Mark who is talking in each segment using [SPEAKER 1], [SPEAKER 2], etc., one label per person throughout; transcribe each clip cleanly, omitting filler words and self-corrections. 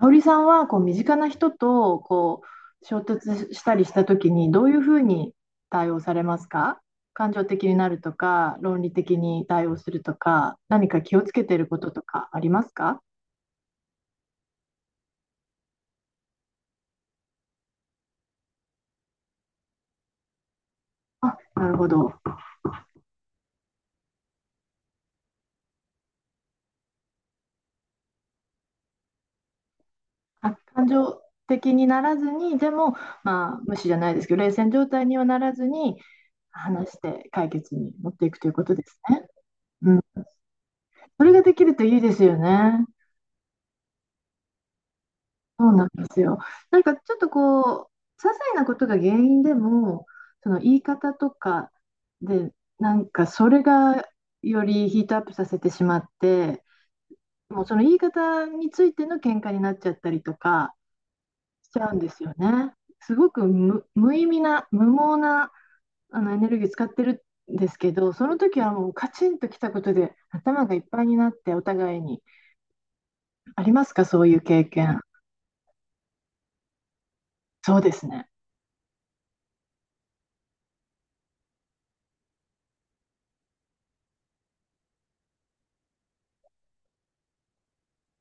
[SPEAKER 1] 香織さんはこう身近な人とこう衝突したりした時にどういうふうに対応されますか。感情的になるとか論理的に対応するとか何か気をつけてることとかありますか。なるほど。あ、感情的にならずにでも、まあ、無視じゃないですけど冷戦状態にはならずに話して解決に持っていくということですね。うん、それができるといいですよね。そうなんですよ。なんかちょっとこう、些細なことが原因でも、その言い方とかで、なんかそれがよりヒートアップさせてしまって、もうその言い方についての喧嘩になっちゃったりとかしちゃうんですよね。すごく無意味な、無謀なあのエネルギー使ってるんですけど、その時はもうカチンときたことで頭がいっぱいになってお互いに、ありますか、そういう経験。そうですね。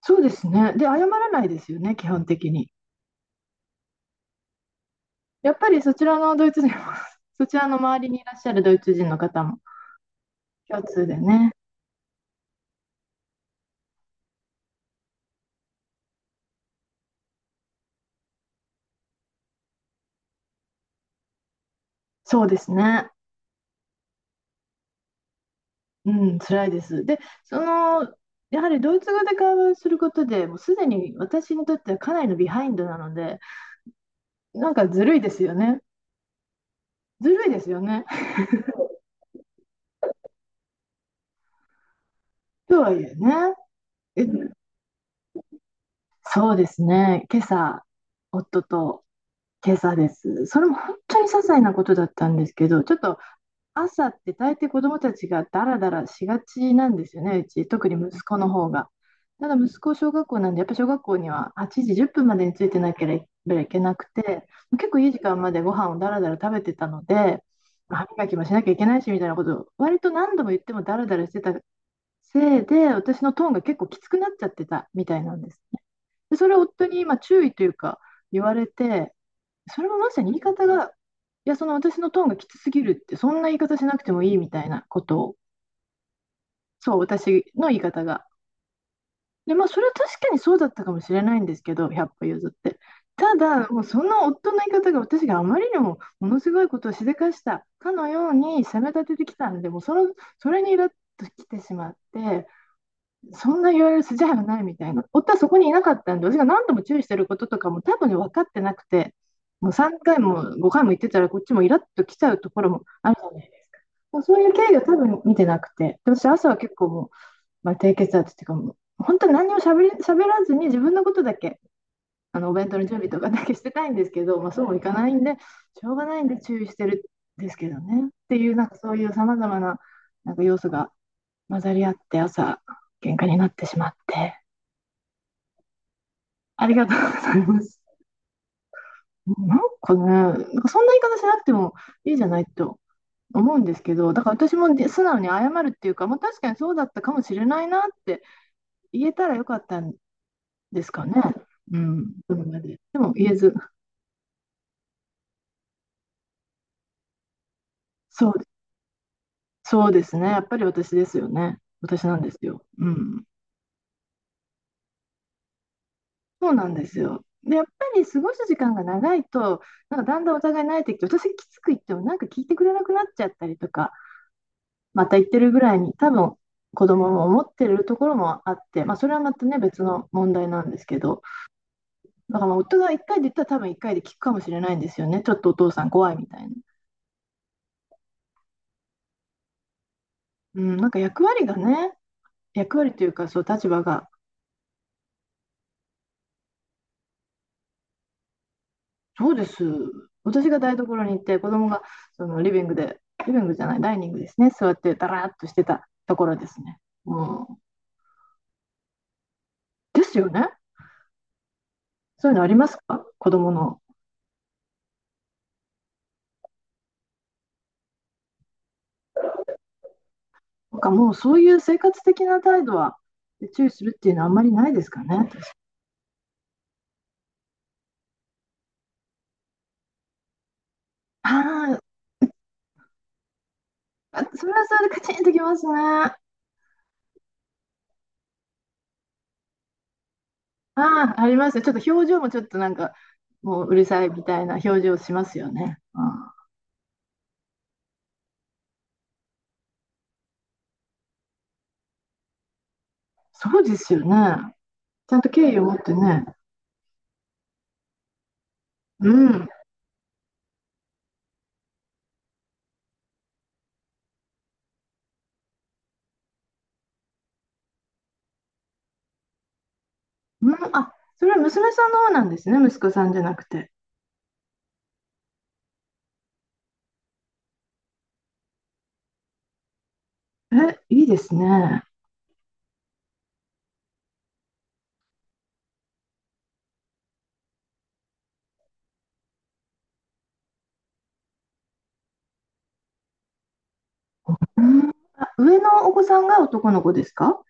[SPEAKER 1] そうですね。で、謝らないですよね、基本的に。やっぱりそちらのドイツ人も そちらの周りにいらっしゃるドイツ人の方も共通でね。そうですね。うん、辛いです。で、その、やはりドイツ語で会話をすることで、もうすでに私にとってはかなりのビハインドなので、なんかずるいですよね。ずるいですよね。とはいえね。え、そうですね。今朝、夫と今朝です。それも本当に些細なことだったんですけど、ちょっと朝って大抵子供たちがダラダラしがちなんですよね、うち。特に息子の方が。ただ息子小学校なんで、やっぱ小学校には8時10分までについてなければいけなくて、結構いい時間までご飯をダラダラ食べてたので、歯磨きもしなきゃいけないしみたいなことを割と何度も言ってもダラダラしてたせいで、私のトーンが結構きつくなっちゃってたみたいなんですね。でそれを夫に今注意というか言われて、それもまさに言い方が、いや、その私のトーンがきつすぎるって、そんな言い方しなくてもいいみたいなことを、そう、私の言い方が。で、まあ、それは確かにそうだったかもしれないんですけど、100歩譲って。ただ、もうその夫の言い方が私があまりにもものすごいことをしでかしたかのように責め立ててきたんで、もうその、それにイラッときてしまって、そんな言われる筋合いはないみたいな。夫はそこにいなかったんで、私が何度も注意してることとかも多分ね、分かってなくて、もう3回も5回も言ってたら、こっちもイラッと来ちゃうところもあるじゃないですか。そういう経緯を多分見てなくて、私、朝は結構もう、まあ、低血圧っていうかもう、本当に何もしゃべり、しゃべらずに自分のことだけ、あのお弁当の準備とかだけしてたいんですけど、まあ、そうもいかないんで、しょうがないんで注意してるんですけどね。っていう、なんかそういうさまざまな、なんか要素が混ざり合って、朝、喧嘩になってしまって。ありがとうございます。なんかね、なんかそんな言い方しなくてもいいじゃないと思うんですけど、だから私もで素直に謝るっていうか、もう確かにそうだったかもしれないなって言えたらよかったんですかね。うん、それまで。でも言えず、そう、そうですね。やっぱり私ですよね。私なんですよ。うん、そうなんですよ。で、やっぱり過ごす時間が長いと、なんかだんだんお互い慣れてきて、私きつく言ってもなんか聞いてくれなくなっちゃったりとか、また言ってるぐらいに多分子供も思ってるところもあって、まあ、それはまたね別の問題なんですけど、だからまあ夫が一回で言ったら多分一回で聞くかもしれないんですよね。ちょっとお父さん怖いみたいな、うん、なんか役割がね、役割というかそう立場が、そうです。私が台所に行って子供がそのリビングで、リビングじゃないダイニングですね、座ってダラーっとしてたところですね、うん、ですよね。そういうのありますか、子供の。なんかもうそういう生活的な態度は注意するっていうのはあんまりないですかね。ああ、それはそれでカチンときますね。ああ、ありますね。ちょっと表情もちょっとなんか、もううるさいみたいな表情しますよね。ああ、そうですよね。ちゃんと敬意を持ってね。うん。うん、あ、それは娘さんの方なんですね。息子さんじゃなくて。え、いいですね。うん、あ、上のお子さんが男の子ですか。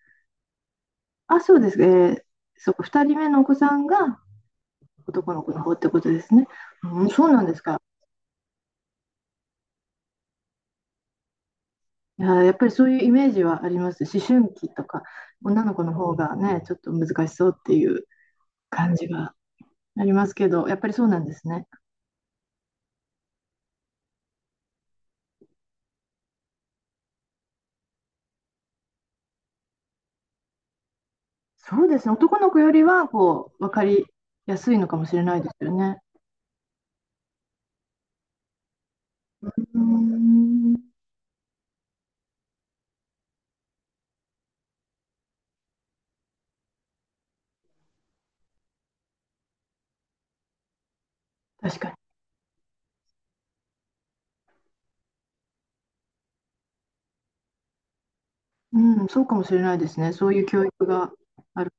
[SPEAKER 1] あ、そうです。えー、そうか、2人目のお子さんが男の子の方ってことですね。うん、そうなんですか。いや、やっぱりそういうイメージはあります。思春期とか、女の子の方がね、ちょっと難しそうっていう感じがありますけど、やっぱりそうなんですね。そうですね。男の子よりは、こう、分かりやすいのかもしれないですよね。うーん、確かに。うん、そうかもしれないですね。そういう教育がある。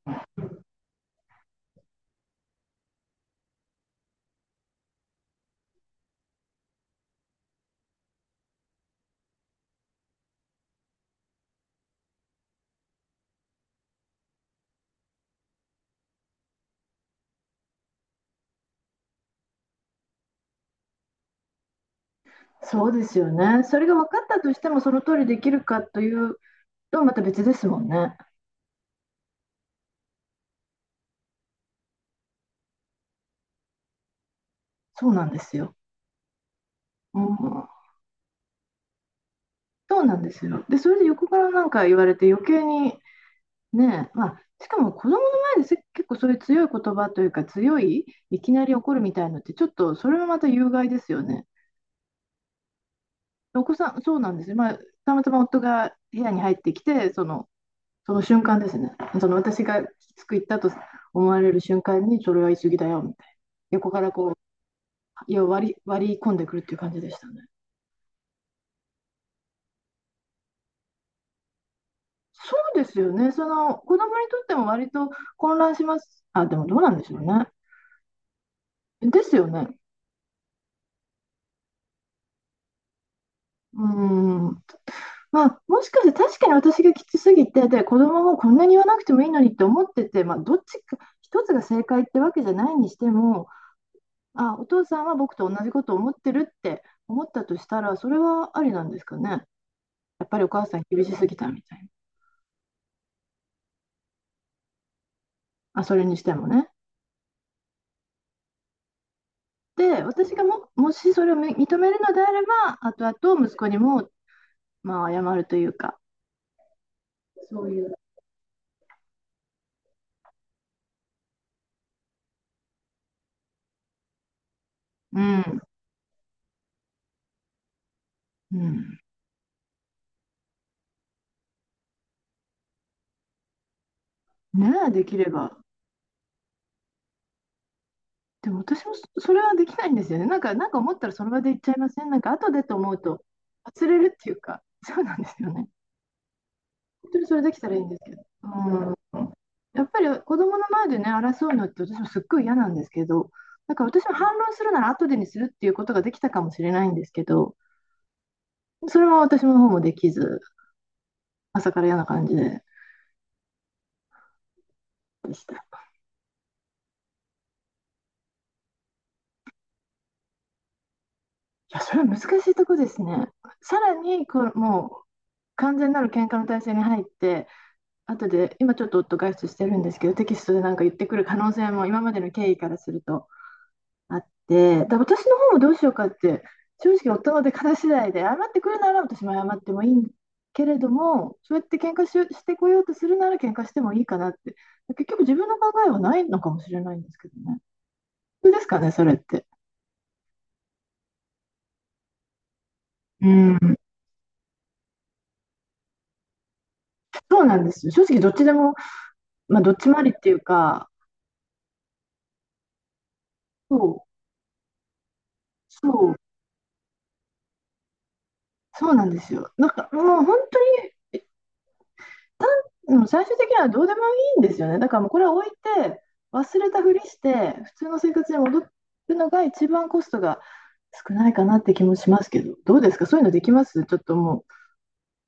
[SPEAKER 1] そうですよね。それが分かったとしても、その通りできるかというと、また別ですもんね。そうなんですよ。うん、そうなんですよ。で、それで横からなんか言われて余計にね、まあ、しかも子供の前で結構そういう強い言葉というか強い、いきなり怒るみたいのってちょっとそれもまた有害ですよね。お子さん、そうなんですよ。まあ、たまたま夫が部屋に入ってきて、その、その瞬間ですね。その私がきつく言ったと思われる瞬間にそれは言い過ぎだよみたいな。横からこう、割り込んでくるっていう感じでしたね。そうですよね。その子供にとっても割と混乱します。あ、でもどうなんでしょうね。ですよね。うーん。まあ、もしかして確かに私がきつすぎて、で、子供もこんなに言わなくてもいいのにって思ってて、まあ、どっちか、一つが正解ってわけじゃないにしても、あ、お父さんは僕と同じことを思ってるって思ったとしたら、それはありなんですかね。やっぱりお母さん厳しすぎたみたいな。あ、それにしてもね。で、私がもしそれを認めるのであれば、後々息子にも、まあ、謝るというか、そういう。うん。うん。ねえ、できれば。でも私もそれはできないんですよね。なんか、なんか思ったらその場で言っちゃいません。なんか後でと思うと忘れるっていうか、そうなんですよね。本当にそれできたらいいんですけど。うん、やっぱり子供の前でね、争うのって私もすっごい嫌なんですけど、なんか私も反論するなら後でにするっていうことができたかもしれないんですけど、それは私の方もできず、朝から嫌な感じでした。いや、それは難しいとこですね。さらにこう、もう完全なる喧嘩の体制に入って、後で、今ちょっと夫外出してるんですけど、テキストでなんか言ってくる可能性も今までの経緯からするとあって、だ私の方もどうしようかって、正直夫の出方次第で、謝ってくるなら私も謝ってもいいけれども、そうやって喧嘩し、してこようとするなら喧嘩してもいいかなって、結局自分の考えはないのかもしれないんですけどね。そうですかね、それって。うん、そうなんですよ。正直どっちでも、まあ、どっちもありっていうか、そう、そう、そうなんですよ。なんかもうでも最終的にはどうでもいいんですよね。だからもうこれは置いて、忘れたふりして、普通の生活に戻るのが一番コストが少ないかなって気もしますけど、どうですかそういうのできますちょっとも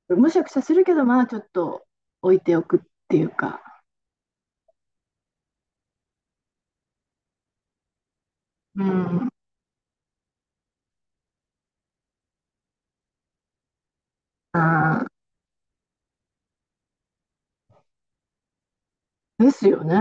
[SPEAKER 1] う、むしゃくしゃするけど、まあちょっと置いておくっていうか。うん。あーですよね。